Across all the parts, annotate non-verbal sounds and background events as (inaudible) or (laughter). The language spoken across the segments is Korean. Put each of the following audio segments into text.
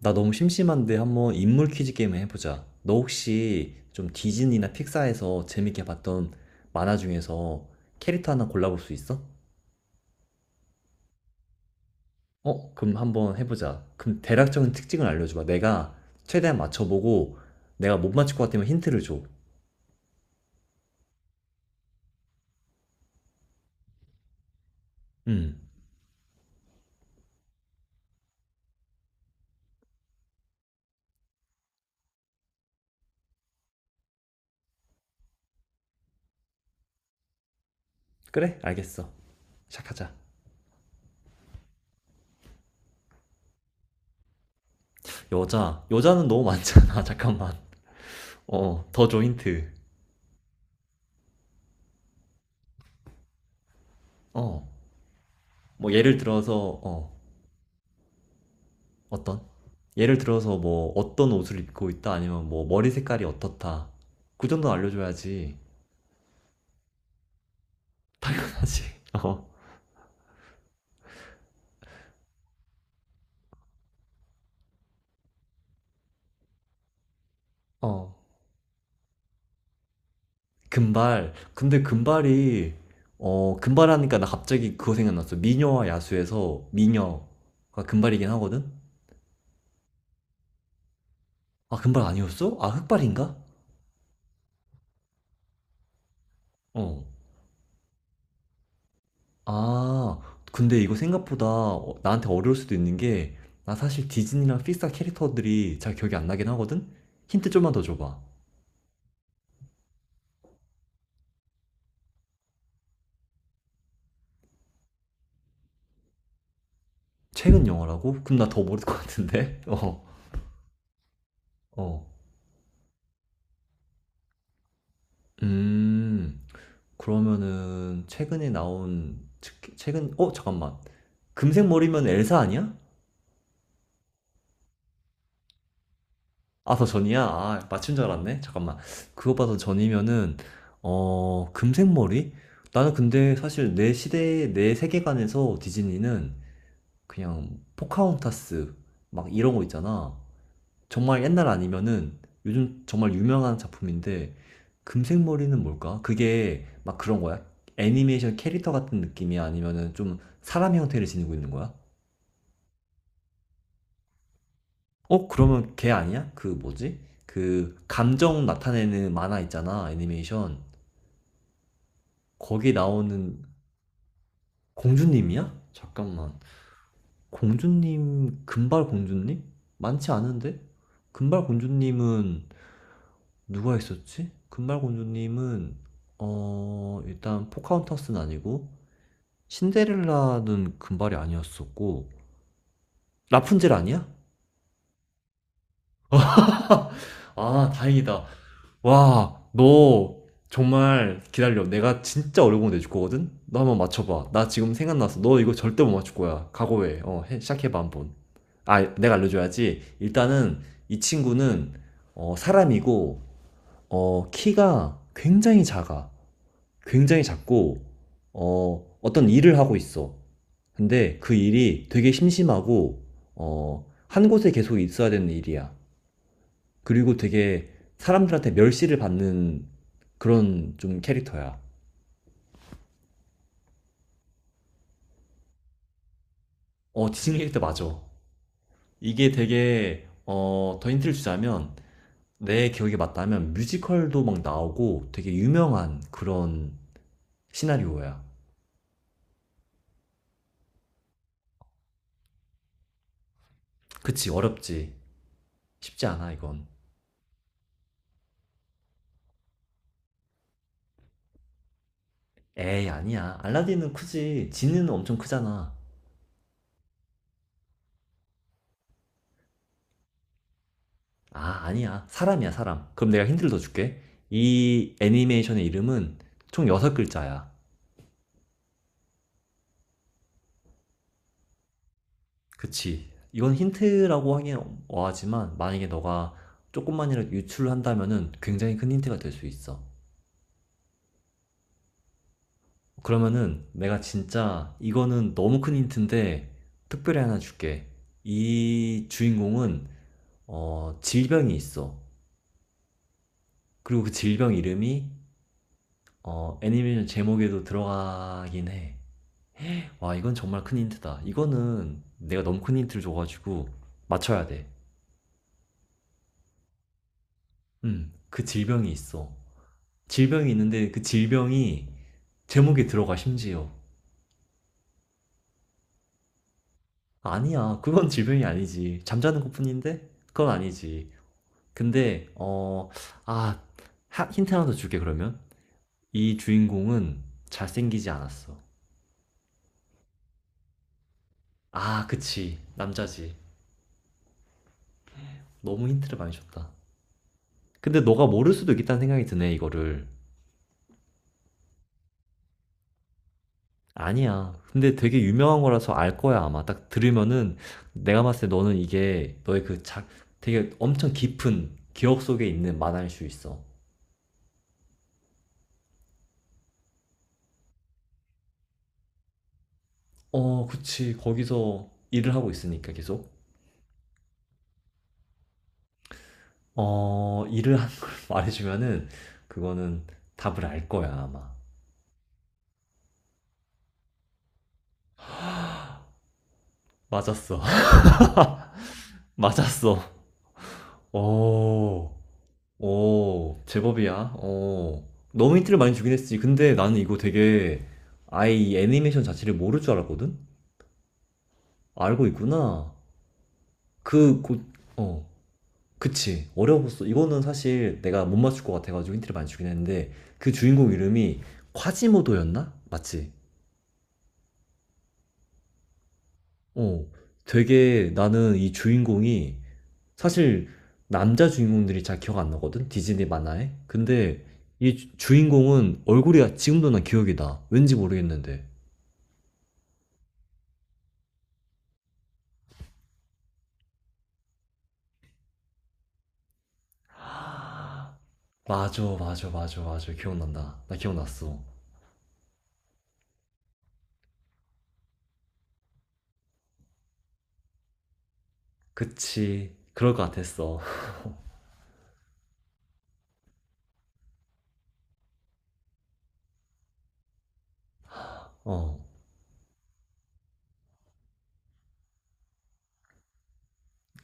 나 너무 심심한데 한번 인물 퀴즈 게임을 해보자. 너 혹시 좀 디즈니나 픽사에서 재밌게 봤던 만화 중에서 캐릭터 하나 골라볼 수 있어? 그럼 한번 해보자. 그럼 대략적인 특징을 알려줘봐. 내가 최대한 맞춰보고 내가 못 맞출 것 같으면 힌트를 줘. 음, 그래? 알겠어. 시작하자. 여자. 여자는 너무 많잖아. (laughs) 잠깐만. 더 줘 힌트. 어, 예를 들어서, 어떤? 예를 들어서 뭐 어떤 옷을 입고 있다 아니면 뭐 머리 색깔이 어떻다. 그 정도 알려줘야지. 당연하지. (laughs) 어. 어. 금발. 근데 금발이 어 금발하니까 나 갑자기 그거 생각났어. 미녀와 야수에서 미녀가 금발이긴 하거든. 아 금발 아니었어? 아 흑발인가? 어. 아 근데 이거 생각보다 나한테 어려울 수도 있는 게 나 사실 디즈니랑 픽사 캐릭터들이 잘 기억이 안 나긴 하거든. 힌트 좀만 더 줘봐. 최근 영화라고? 그럼 나 더 모를 것 같은데? (laughs) 어, 어. 음, 그러면은 최근에 나온, 최근, 어, 잠깐만. 금색 머리면 엘사 아니야? 아, 더 전이야? 아, 맞춘 줄 알았네? 잠깐만. 그거보다 더 전이면은, 어, 금색 머리? 나는 근데 사실 내 시대, 내 세계관에서 디즈니는 그냥 포카혼타스, 막 이런 거 있잖아. 정말 옛날 아니면은 요즘 정말 유명한 작품인데 금색 머리는 뭘까? 그게 막 그런 거야? 애니메이션 캐릭터 같은 느낌이 아니면은 좀 사람 형태를 지니고 있는 거야? 그러면 걔 아니야? 그 뭐지? 그 감정 나타내는 만화 있잖아, 애니메이션. 거기 나오는 공주님이야? 잠깐만. 공주님, 금발 공주님? 많지 않은데? 금발 공주님은 누가 있었지? 금발공주님은 어 일단 포카혼타스는 아니고 신데렐라는 금발이 아니었었고 라푼젤 아니야? (laughs) 아 다행이다. 와 너 정말 기다려. 내가 진짜 어려운 거 내줄 거거든. 너 한번 맞춰봐. 나 지금 생각났어. 너 이거 절대 못 맞출 거야. 각오해. 시작해봐 한번. 아 내가 알려줘야지. 일단은 이 친구는 어 사람이고 어 키가 굉장히 작아. 굉장히 작고, 어, 어떤 일을 하고 있어. 근데 그 일이 되게 심심하고, 어, 한 곳에 계속 있어야 되는 일이야. 그리고 되게 사람들한테 멸시를 받는 그런 좀 캐릭터야. 어, 디즈니 캐릭터 맞아. 이게 되게, 어, 더 힌트를 주자면, 내 기억이 맞다면 뮤지컬도 막 나오고 되게 유명한 그런 시나리오야. 그치, 어렵지. 쉽지 않아, 이건. 에이, 아니야. 알라딘은 크지. 지는 엄청 크잖아. 아, 아니야. 사람이야, 사람. 그럼 내가 힌트를 더 줄게. 이 애니메이션의 이름은 총 6글자야. 그치. 이건 힌트라고 하긴 어하지만, 만약에 너가 조금만이라도 유출을 한다면은 굉장히 큰 힌트가 될 수 있어. 그러면은 내가 진짜 이거는 너무 큰 힌트인데, 특별히 하나 줄게. 이 주인공은, 어, 질병이 있어. 그리고 그 질병 이름이, 어, 애니메이션 제목에도 들어가긴 해. 와, 이건 정말 큰 힌트다. 이거는 내가 너무 큰 힌트를 줘가지고 맞춰야 돼. 그 질병이 있어. 질병이 있는데 그 질병이 제목에 들어가 심지어. 아니야, 그건 질병이 아니지. 잠자는 것뿐인데? 그건 아니지. 근데, 어, 아, 힌트 하나 더 줄게, 그러면. 이 주인공은 잘생기지 않았어. 아, 그치. 남자지. 너무 힌트를 많이 줬다. 근데 너가 모를 수도 있겠다는 생각이 드네, 이거를. 아니야. 근데 되게 유명한 거라서 알 거야, 아마. 딱 들으면은 내가 봤을 때 너는 이게 너의 그 작, 되게 엄청 깊은 기억 속에 있는 만화일 수 있어. 어, 그치. 거기서 일을 하고 있으니까 계속. 어, 일을 하는 걸 (laughs) 말해주면은 그거는 답을 알 거야, 아마. 맞았어. (laughs) 맞았어. 오, 오, 제법이야. 오. 너무 힌트를 많이 주긴 했지. 근데 나는 이거 되게 아예 이 애니메이션 자체를 모를 줄 알았거든? 알고 있구나. 그, 곧, 어, 그치. 어려웠어. 이거는 사실 내가 못 맞출 것 같아가지고 힌트를 많이 주긴 했는데, 그 주인공 이름이 콰지모도였나? 맞지? 어, 되게 나는 이 주인공이, 사실 남자 주인공들이 잘 기억 안 나거든? 디즈니 만화에? 근데 이 주인공은 얼굴이 지금도 난 기억이 나. 왠지 모르겠는데. (gasps) 맞아, 맞아, 맞아, 맞아. 기억난다. 나 기억났어. 그치. 그럴 것 같았어. (laughs) 어.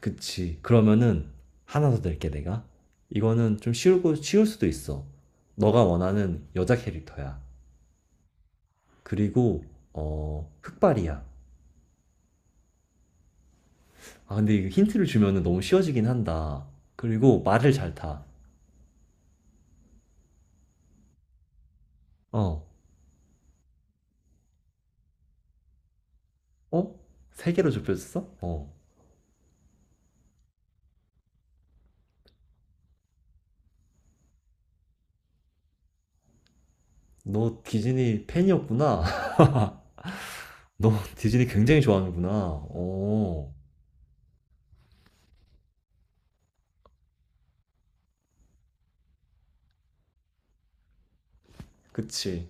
그치. 그러면은 하나 더 낼게 내가. 이거는 좀 쉬우고 쉬울 수도 있어. 너가 원하는 여자 캐릭터야. 그리고 어 흑발이야. 아 근데 이거 힌트를 주면은 너무 쉬워지긴 한다. 그리고 말을 잘 타. 어. 어? 세 개로 좁혀졌어? 어. 너 디즈니 팬이었구나. (laughs) 너 디즈니 굉장히 좋아하는구나. 어. 그치.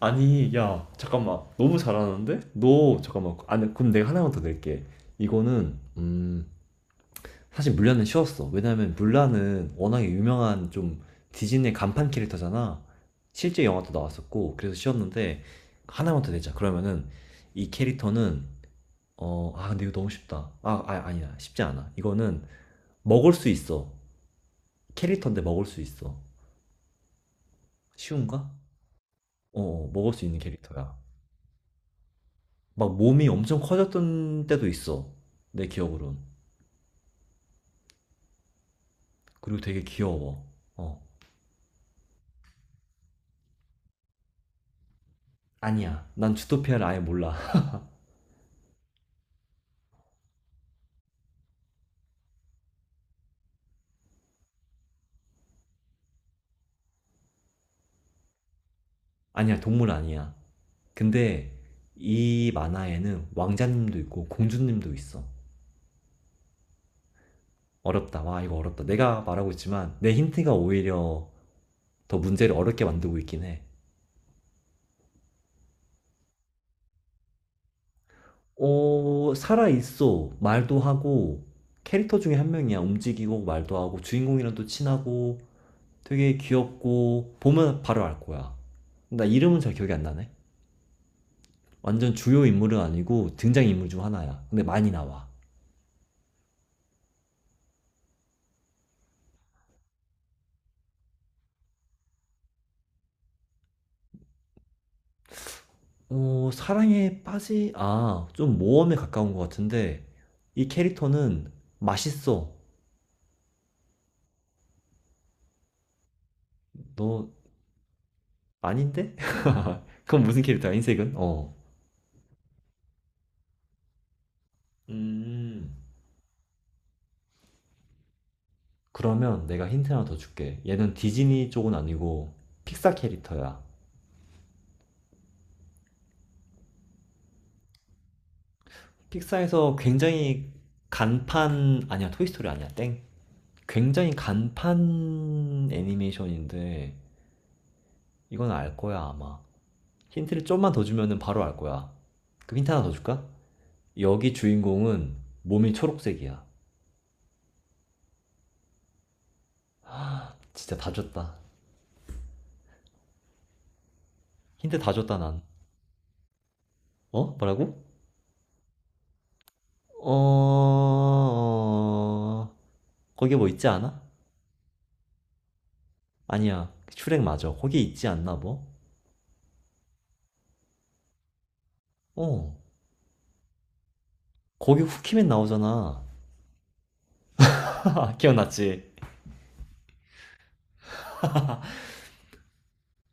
아니 야 잠깐만 너무 잘하는데 너 잠깐만 아니 그럼 내가 하나만 더 낼게 이거는 사실 물란은 쉬웠어 왜냐면 물란은 워낙에 유명한 좀 디즈니의 간판 캐릭터잖아 실제 영화도 나왔었고 그래서 쉬웠는데 하나만 더 내자 그러면은 이 캐릭터는 어아 근데 이거 너무 쉽다 아, 아 아니야 쉽지 않아 이거는 먹을 수 있어 캐릭터인데 먹을 수 있어 쉬운가? 어 어, 먹을 수 있는 캐릭터야 막 몸이 엄청 커졌던 때도 있어. 내 기억으론. 그리고 되게 귀여워. 어. 아니야. 난 주토피아를 아예 몰라. (laughs) 아니야. 동물 아니야. 근데 이 만화에는 왕자님도 있고 공주님도 있어. 어렵다. 와, 이거 어렵다. 내가 말하고 있지만 내 힌트가 오히려 더 문제를 어렵게 만들고 있긴 해. 어, 살아있어. 말도 하고, 캐릭터 중에 한 명이야. 움직이고, 말도 하고, 주인공이랑 또 친하고, 되게 귀엽고 보면 바로 알 거야. 나 이름은 잘 기억이 안 나네. 완전 주요 인물은 아니고 등장 인물 중 하나야. 근데 많이 나와. 좀 모험에 가까운 것 같은데 이 캐릭터는 맛있어. 너 아닌데? (laughs) 그건 무슨 캐릭터야? 흰색은? 어. 음. 그러면 내가 힌트 하나 더 줄게. 얘는 디즈니 쪽은 아니고 픽사 캐릭터야. 픽사에서 굉장히 간판 아니야 토이스토리 아니야 땡 굉장히 간판 애니메이션인데 이건 알 거야 아마 힌트를 좀만 더 주면은 바로 알 거야 그 힌트 하나 더 줄까? 여기 주인공은 몸이 초록색이야 진짜 다 줬다 힌트 다 줬다 난 어? 뭐라고? 어... 어, 거기 뭐 있지 않아? 아니야 슈렉 맞아 거기 있지 않나 뭐? 어 거기 후키맨 나오잖아 (laughs) 기억났지?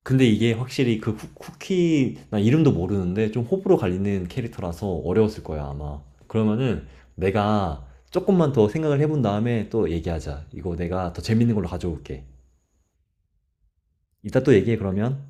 근데 이게 확실히 그 쿠키 나 이름도 모르는데 좀 호불호 갈리는 캐릭터라서 어려웠을 거야 아마 그러면은 내가 조금만 더 생각을 해본 다음에 또 얘기하자 이거 내가 더 재밌는 걸로 가져올게 이따 또 얘기해 그러면